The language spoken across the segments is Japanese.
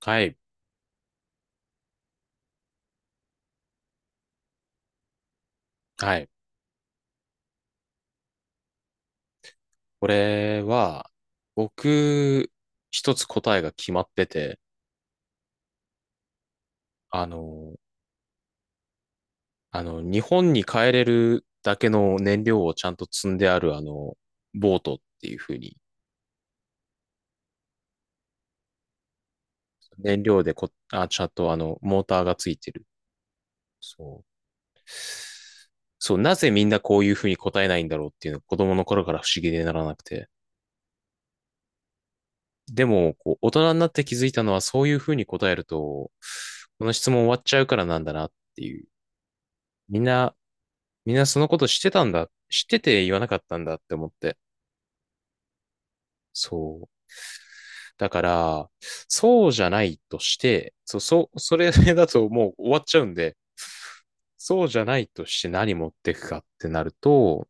はい。はい。これは、僕、一つ答えが決まってて、あの、日本に帰れるだけの燃料をちゃんと積んである、ボートっていう風に、燃料でこ、あ、ちゃんとモーターがついてる。そう。そう、なぜみんなこういう風に答えないんだろうっていうのが子供の頃から不思議でならなくて。でも、こう、大人になって気づいたのは、そういう風に答えると、この質問終わっちゃうからなんだなっていう。みんな、みんなそのこと知ってたんだ、知ってて言わなかったんだって思って。そう。だから、そうじゃないとして、それだともう終わっちゃうんで、そうじゃないとして何持ってくかってなると、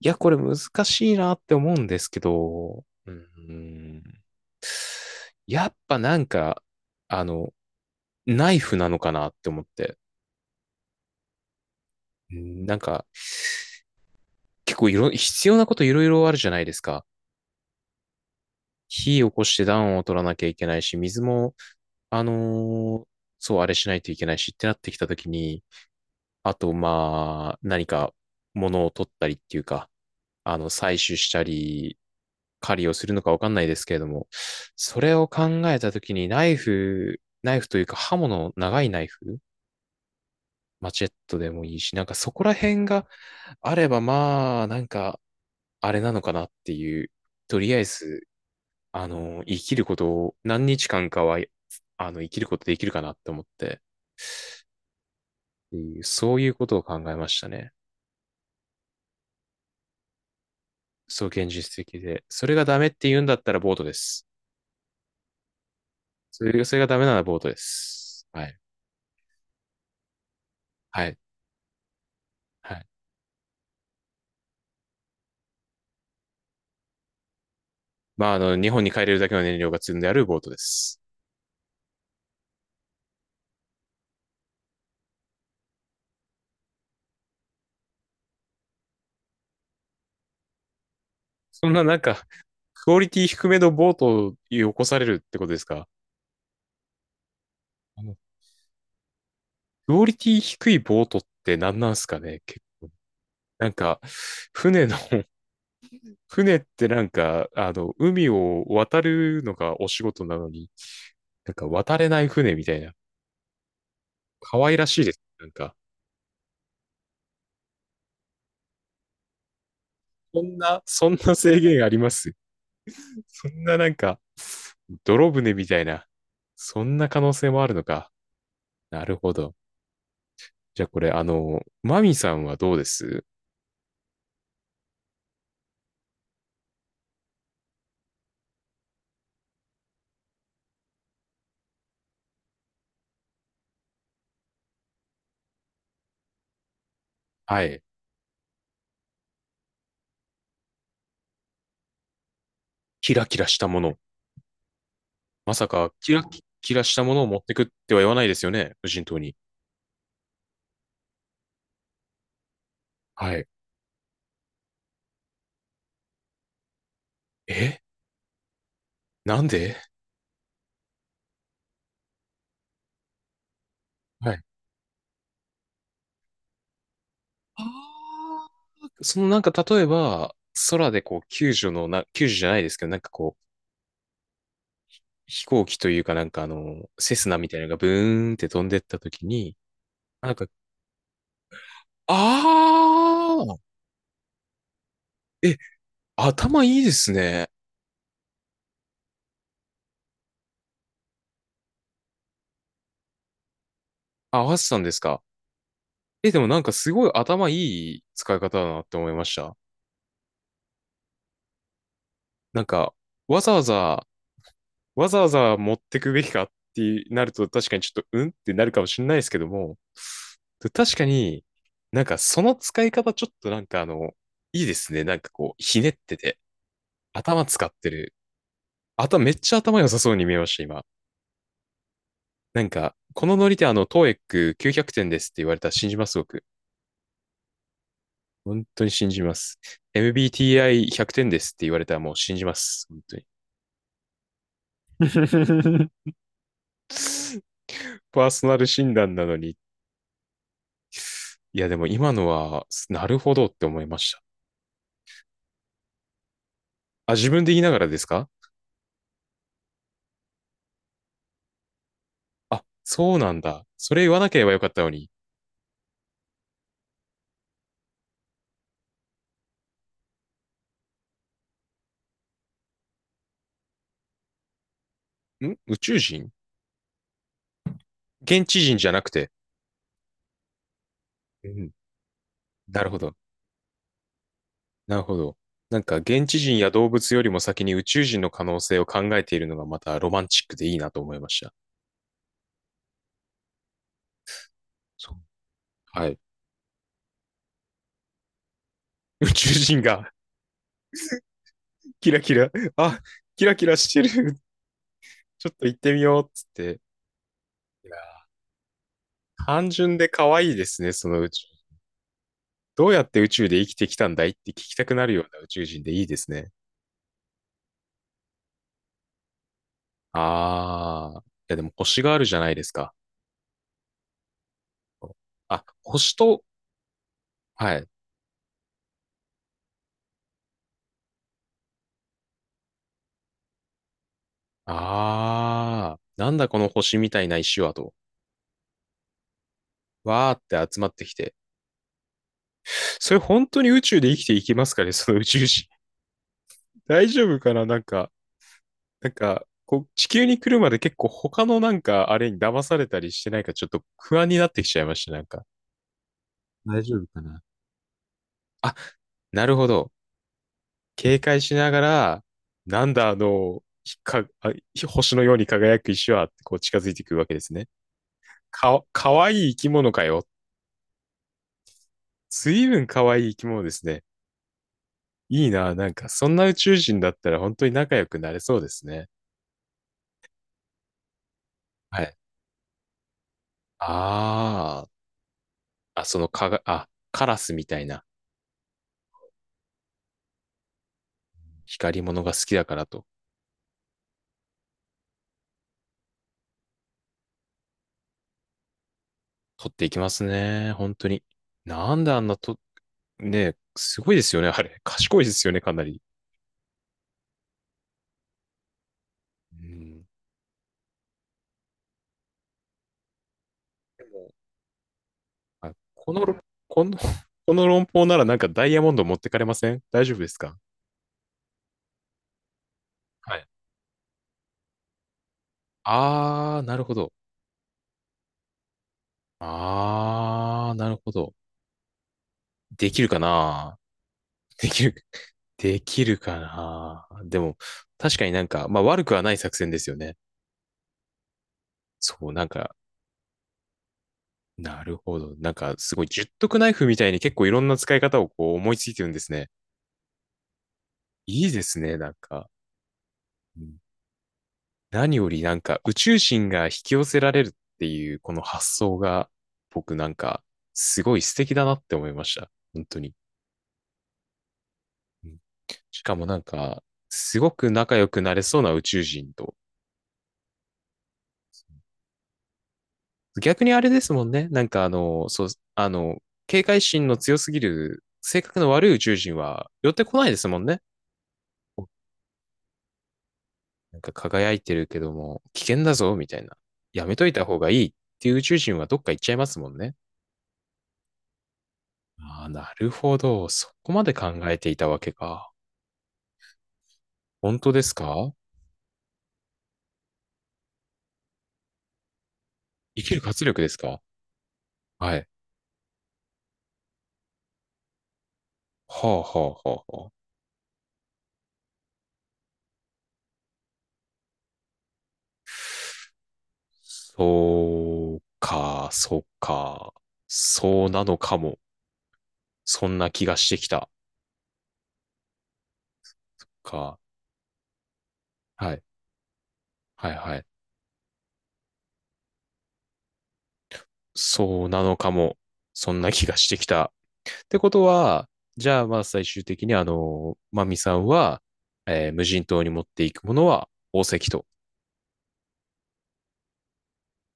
いや、これ難しいなって思うんですけど、うーん、やっぱなんか、あの、ナイフなのかなって思って、なんか、結構いろ、必要なこといろいろあるじゃないですか。火起こして暖を取らなきゃいけないし、水も、あのーそう、あれしないといけないしってなってきたときに、あと、まあ、何か物を取ったりっていうか、採取したり、狩りをするのかわかんないですけれども、それを考えたときに、ナイフというか刃物、長いナイフ、マチェットでもいいし、なんかそこら辺があれば、まあ、なんか、あれなのかなっていう、とりあえず、生きることを何日間かは、生きることできるかなって思って、そういうことを考えましたね。そう、現実的で。それがダメって言うんだったらボートです。それがダメならボートです。はい。はい。はい。まあ、日本に帰れるだけの燃料が積んであるボートです。そんななんか、クオリティ低めのボートを起こされるってことですか？あのクオリティ低いボートって何なんすかね？なんか、船の船ってなんか、あの、海を渡るのがお仕事なのに、なんか渡れない船みたいな、可愛らしいです。なんか、そんな制限あります？そんななんか、泥船みたいな、そんな可能性もあるのか。なるほど。じゃあこれ、マミさんはどうですはい。キラキラしたもの。まさか、キラキラしたものを持ってくっては言わないですよね、無人島に。はい。え、なんで？はい。あ、そのなんか例えば、空でこう救助じゃないですけど、なんかこう、飛行機というかなんかあの、セスナみたいなのがブーンって飛んでった時に、なんか、あーえ、頭いいですね。あ、合わせたんですか。え、でもなんかすごい頭いい使い方だなって思いました。なんか、わざわざわざわざ持ってくべきかってなると確かにちょっとうんってなるかもしれないですけども、確かになんかその使い方ちょっとなんかいいですね。なんかこう、ひねってて、頭使ってる。頭めっちゃ頭良さそうに見えました、今。なんか、このノリでTOEIC 900 点ですって言われたら信じます、僕。本当に信じます。MBTI 100 点ですって言われたらもう信じます。本当に。パーソナル診断なのに。いや、でも今のは、なるほどって思いました。あ、自分で言いながらですか？あ、そうなんだ。それ言わなければよかったのに。ん、宇宙人？現地人じゃなくて。うん。なるほど。なるほど。なんか、現地人や動物よりも先に宇宙人の可能性を考えているのがまたロマンチックでいいなと思いました。そう。はい。宇宙人が キラキラ、あ、キラキラしてる。ちょっと行ってみようっつって。いや、単純で可愛いですね、その宇宙。どうやって宇宙で生きてきたんだいって聞きたくなるような宇宙人でいいですね。ああ。いや、でも星があるじゃないですか。あ、星と、はい。ああ。なんだこの星みたいな石はと。わーって集まってきて。それ本当に宇宙で生きていけますかね、その宇宙人。大丈夫かな、なんか、なんか、こう、地球に来るまで結構他のなんか、あれに騙されたりしてないか、ちょっと不安になってきちゃいました、なんか。大丈夫かな。あ、なるほど。警戒しながら、なんだあの、ひか、あ星のように輝く石は、こう近づいてくるわけですね。か、かわいい生き物かよ。随分かわいい生き物ですね。いいな、なんか、そんな宇宙人だったら本当に仲良くなれそうですね。はい。ああ、あ、そのかが、あ、カラスみたいな光り物が好きだからと、取っていきますね。本当に。なんであんなと、ね、すごいですよね、あれ。賢いですよね、かなり。うん。あ、この、この論法ならなんかダイヤモンド持ってかれません、大丈夫ですか？はい。あー、なるほど。あー、なるほど。できるかな？できる、できるかな、でも、確かになんか、まあ悪くはない作戦ですよね。そう、なんか、なるほど。なんか、すごい、十徳ナイフみたいに結構いろんな使い方をこう思いついてるんですね。いいですね、なんか。うん。何よりなんか宇宙人が引き寄せられるっていうこの発想が僕なんかすごい素敵だなって思いました。本当に。うん。しかもなんかすごく仲良くなれそうな宇宙人と。逆にあれですもんね。なんかあの、警戒心の強すぎる性格の悪い宇宙人は寄ってこないですもんね。なんか輝いてるけども危険だぞみたいな。やめといた方がいいっていう宇宙人はどっか行っちゃいますもんね。ああ、なるほど。そこまで考えていたわけか。本当ですか？生きる活力ですか？はい。はあ、はあ、はあ、はあ。そうか、そうか。そうなのかも。そんな気がしてきた。か。はい。はい、はい。そうなのかも。そんな気がしてきた。ってことは、じゃあ、まあ、最終的に、マミさんは、えー無人島に持っていくものは宝石と。